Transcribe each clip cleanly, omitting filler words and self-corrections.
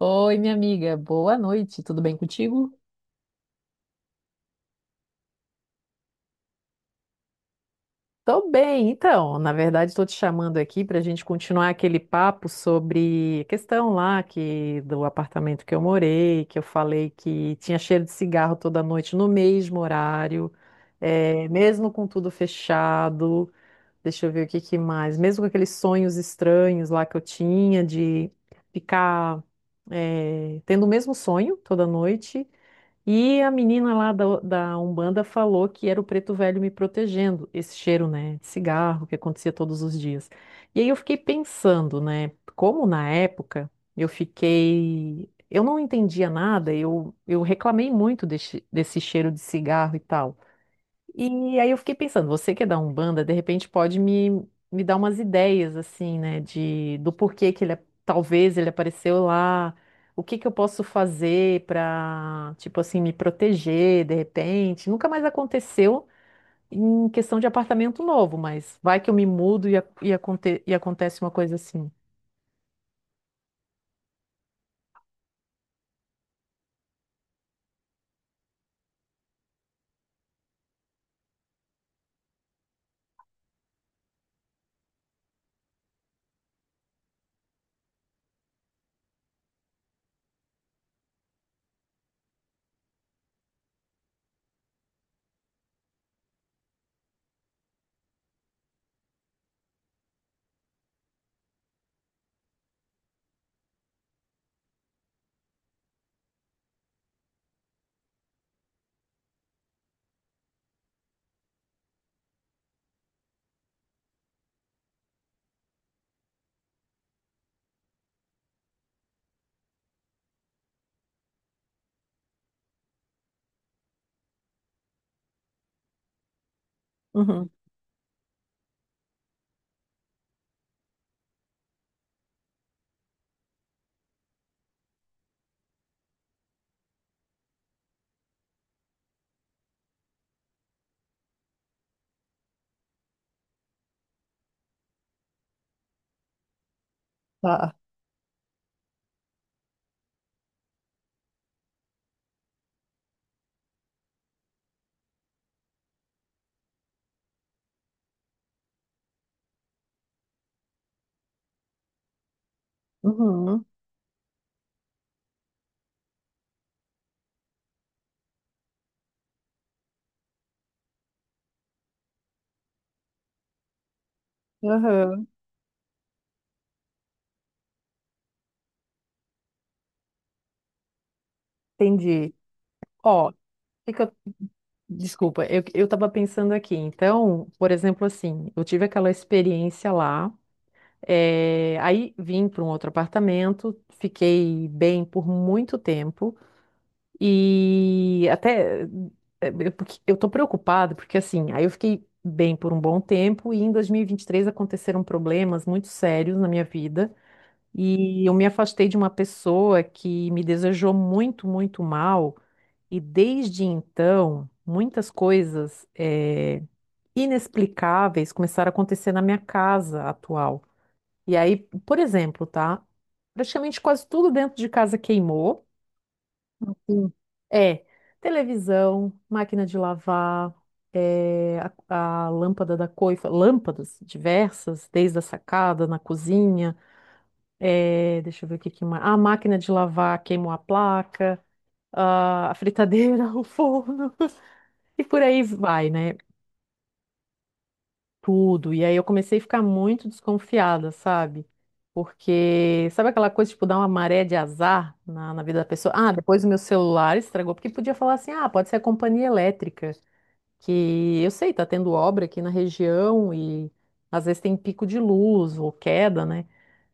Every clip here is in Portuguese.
Oi, minha amiga, boa noite, tudo bem contigo? Tô bem. Então, na verdade, estou te chamando aqui para a gente continuar aquele papo sobre a questão lá que do apartamento que eu morei, que eu falei que tinha cheiro de cigarro toda noite no mesmo horário, mesmo com tudo fechado. Deixa eu ver o que que mais, mesmo com aqueles sonhos estranhos lá que eu tinha de ficar, tendo o mesmo sonho toda noite. E a menina lá da Umbanda falou que era o preto velho me protegendo, esse cheiro, né, de cigarro que acontecia todos os dias. E aí eu fiquei pensando, né, como na época eu fiquei, eu não entendia nada, eu reclamei muito desse cheiro de cigarro e tal. E aí eu fiquei pensando, você que é da Umbanda, de repente pode me dar umas ideias, assim, né, de, do porquê que ele, talvez ele apareceu lá, o que que eu posso fazer pra, tipo assim, me proteger, de repente. Nunca mais aconteceu em questão de apartamento novo, mas vai que eu me mudo e acontece uma coisa assim. Uhum. Tá. Uhum. Aham. Entendi. Ó, o que que eu Desculpa, eu tava pensando aqui. Então, por exemplo, assim, eu tive aquela experiência lá, aí vim para um outro apartamento, fiquei bem por muito tempo e até porque eu tô preocupada porque assim, aí eu fiquei bem por um bom tempo e em dois mil e vinte e três aconteceram problemas muito sérios na minha vida e eu me afastei de uma pessoa que me desejou muito, muito mal. E desde então, muitas coisas inexplicáveis começaram a acontecer na minha casa atual. E aí, por exemplo, tá? Praticamente quase tudo dentro de casa queimou. Sim. É, televisão, máquina de lavar, eh, a lâmpada da coifa, lâmpadas diversas, desde a sacada, na cozinha, deixa eu ver o que que mais. A máquina de lavar queimou a placa, a fritadeira, o forno. E por aí vai, né? Tudo. E aí eu comecei a ficar muito desconfiada, sabe? Porque, sabe aquela coisa, tipo, dar uma maré de azar na vida da pessoa? Ah, depois o meu celular estragou, porque podia falar assim, ah, pode ser a companhia elétrica, que eu sei, tá tendo obra aqui na região e às vezes tem pico de luz ou queda, né?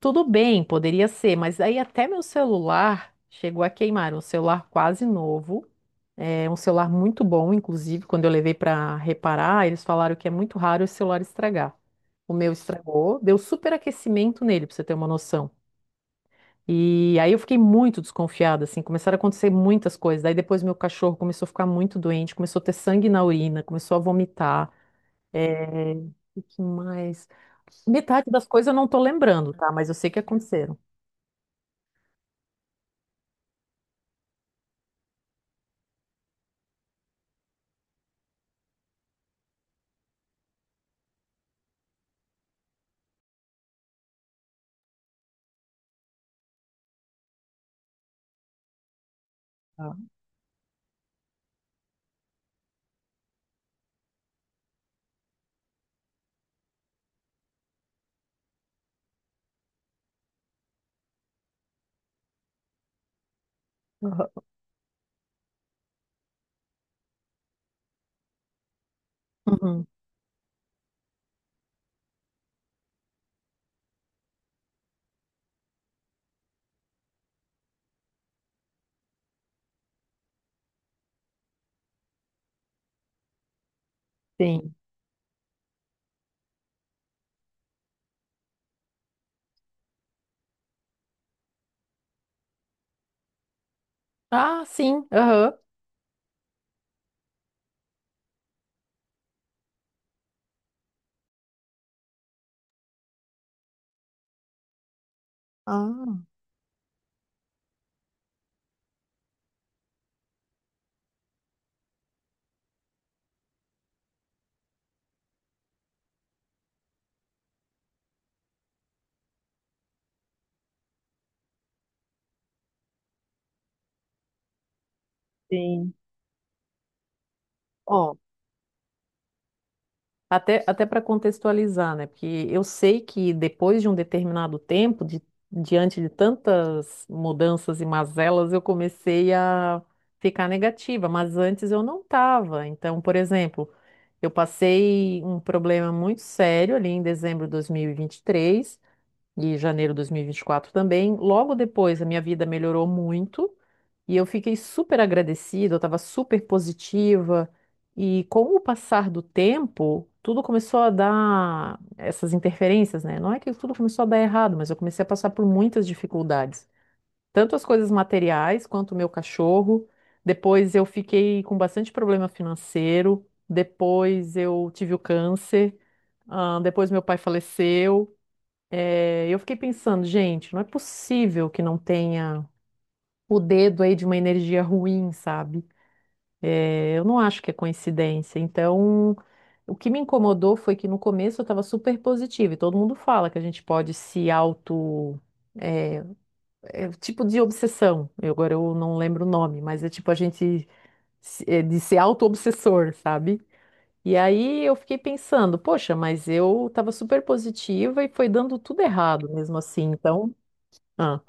Tudo bem, poderia ser, mas aí até meu celular chegou a queimar, um celular quase novo. É um celular muito bom, inclusive, quando eu levei para reparar, eles falaram que é muito raro esse celular estragar. O meu estragou, deu superaquecimento nele, para você ter uma noção. E aí eu fiquei muito desconfiada, assim, começaram a acontecer muitas coisas. Daí depois meu cachorro começou a ficar muito doente, começou a ter sangue na urina, começou a vomitar. É... O que mais? Metade das coisas eu não tô lembrando, tá? Mas eu sei que aconteceram. Ah, aham, uhum, sim. Ah, sim. Aham. Ah, sim. Até para contextualizar, né? Porque eu sei que depois de um determinado tempo, de- diante de tantas mudanças e mazelas, eu comecei a ficar negativa, mas antes eu não estava. Então, por exemplo, eu passei um problema muito sério ali em dezembro de 2023 e vinte e três e janeiro de 2024 também. Logo depois, a minha vida melhorou muito. E eu fiquei super agradecida, eu estava super positiva. E com o passar do tempo, tudo começou a dar essas interferências, né? Não é que tudo começou a dar errado, mas eu comecei a passar por muitas dificuldades. Tanto as coisas materiais quanto o meu cachorro. Depois eu fiquei com bastante problema financeiro. Depois eu tive o câncer. Ah, depois meu pai faleceu. Eu fiquei pensando, gente, não é possível que não tenha o dedo aí de uma energia ruim, sabe? Eu não acho que é coincidência. Então, o que me incomodou foi que no começo eu estava super positiva, e todo mundo fala que a gente pode se auto. É, é o tipo de obsessão. Eu, agora eu não lembro o nome, mas é tipo a gente de ser auto-obsessor, sabe? E aí eu fiquei pensando, poxa, mas eu estava super positiva e foi dando tudo errado mesmo assim. Então, ah.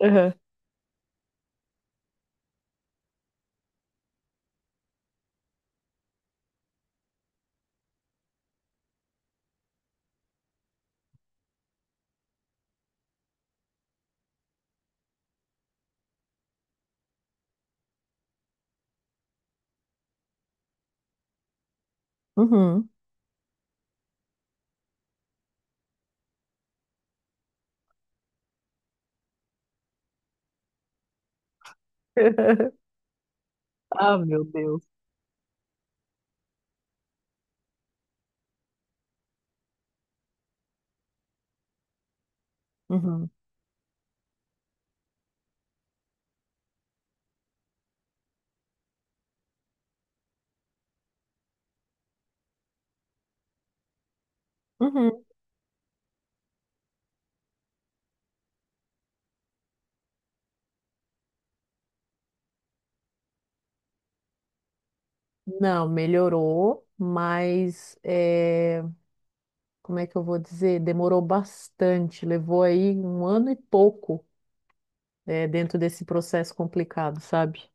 Aham. Uhum. Ah, meu Deus. Uhum. Uhum. Não, melhorou, mas como é que eu vou dizer? Demorou bastante, levou aí um ano e pouco dentro desse processo complicado, sabe?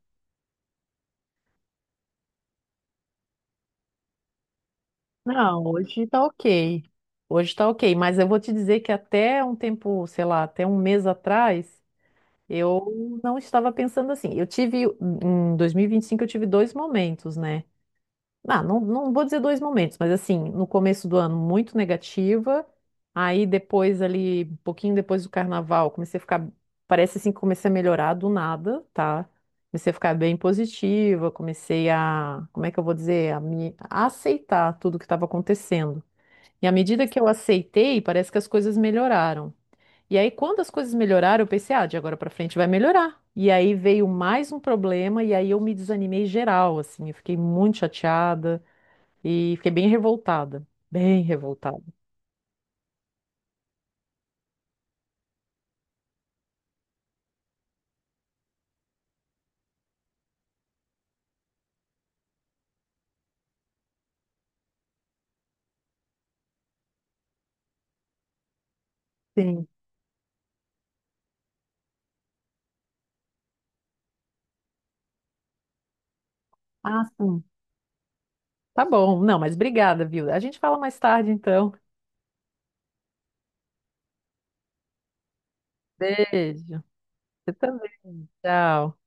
Não, hoje tá ok. Hoje tá ok, mas eu vou te dizer que até um tempo, sei lá, até um mês atrás, eu não estava pensando assim. Eu tive, em dois mil e vinte e cinco, eu tive dois momentos, né? Ah, não, não vou dizer dois momentos, mas assim, no começo do ano muito negativa, aí depois ali, um pouquinho depois do carnaval, comecei a ficar, parece assim que comecei a melhorar do nada, tá? Comecei a ficar bem positiva, comecei a, como é que eu vou dizer, a aceitar tudo que estava acontecendo. E à medida que eu aceitei, parece que as coisas melhoraram. E aí, quando as coisas melhoraram, eu pensei, ah, de agora pra frente vai melhorar. E aí veio mais um problema, e aí eu me desanimei geral, assim, eu fiquei muito chateada. E fiquei bem revoltada. Bem revoltada. Sim. Ah, sim. Tá bom. Não, mas obrigada, viu? A gente fala mais tarde, então. Beijo. Você também. Tchau.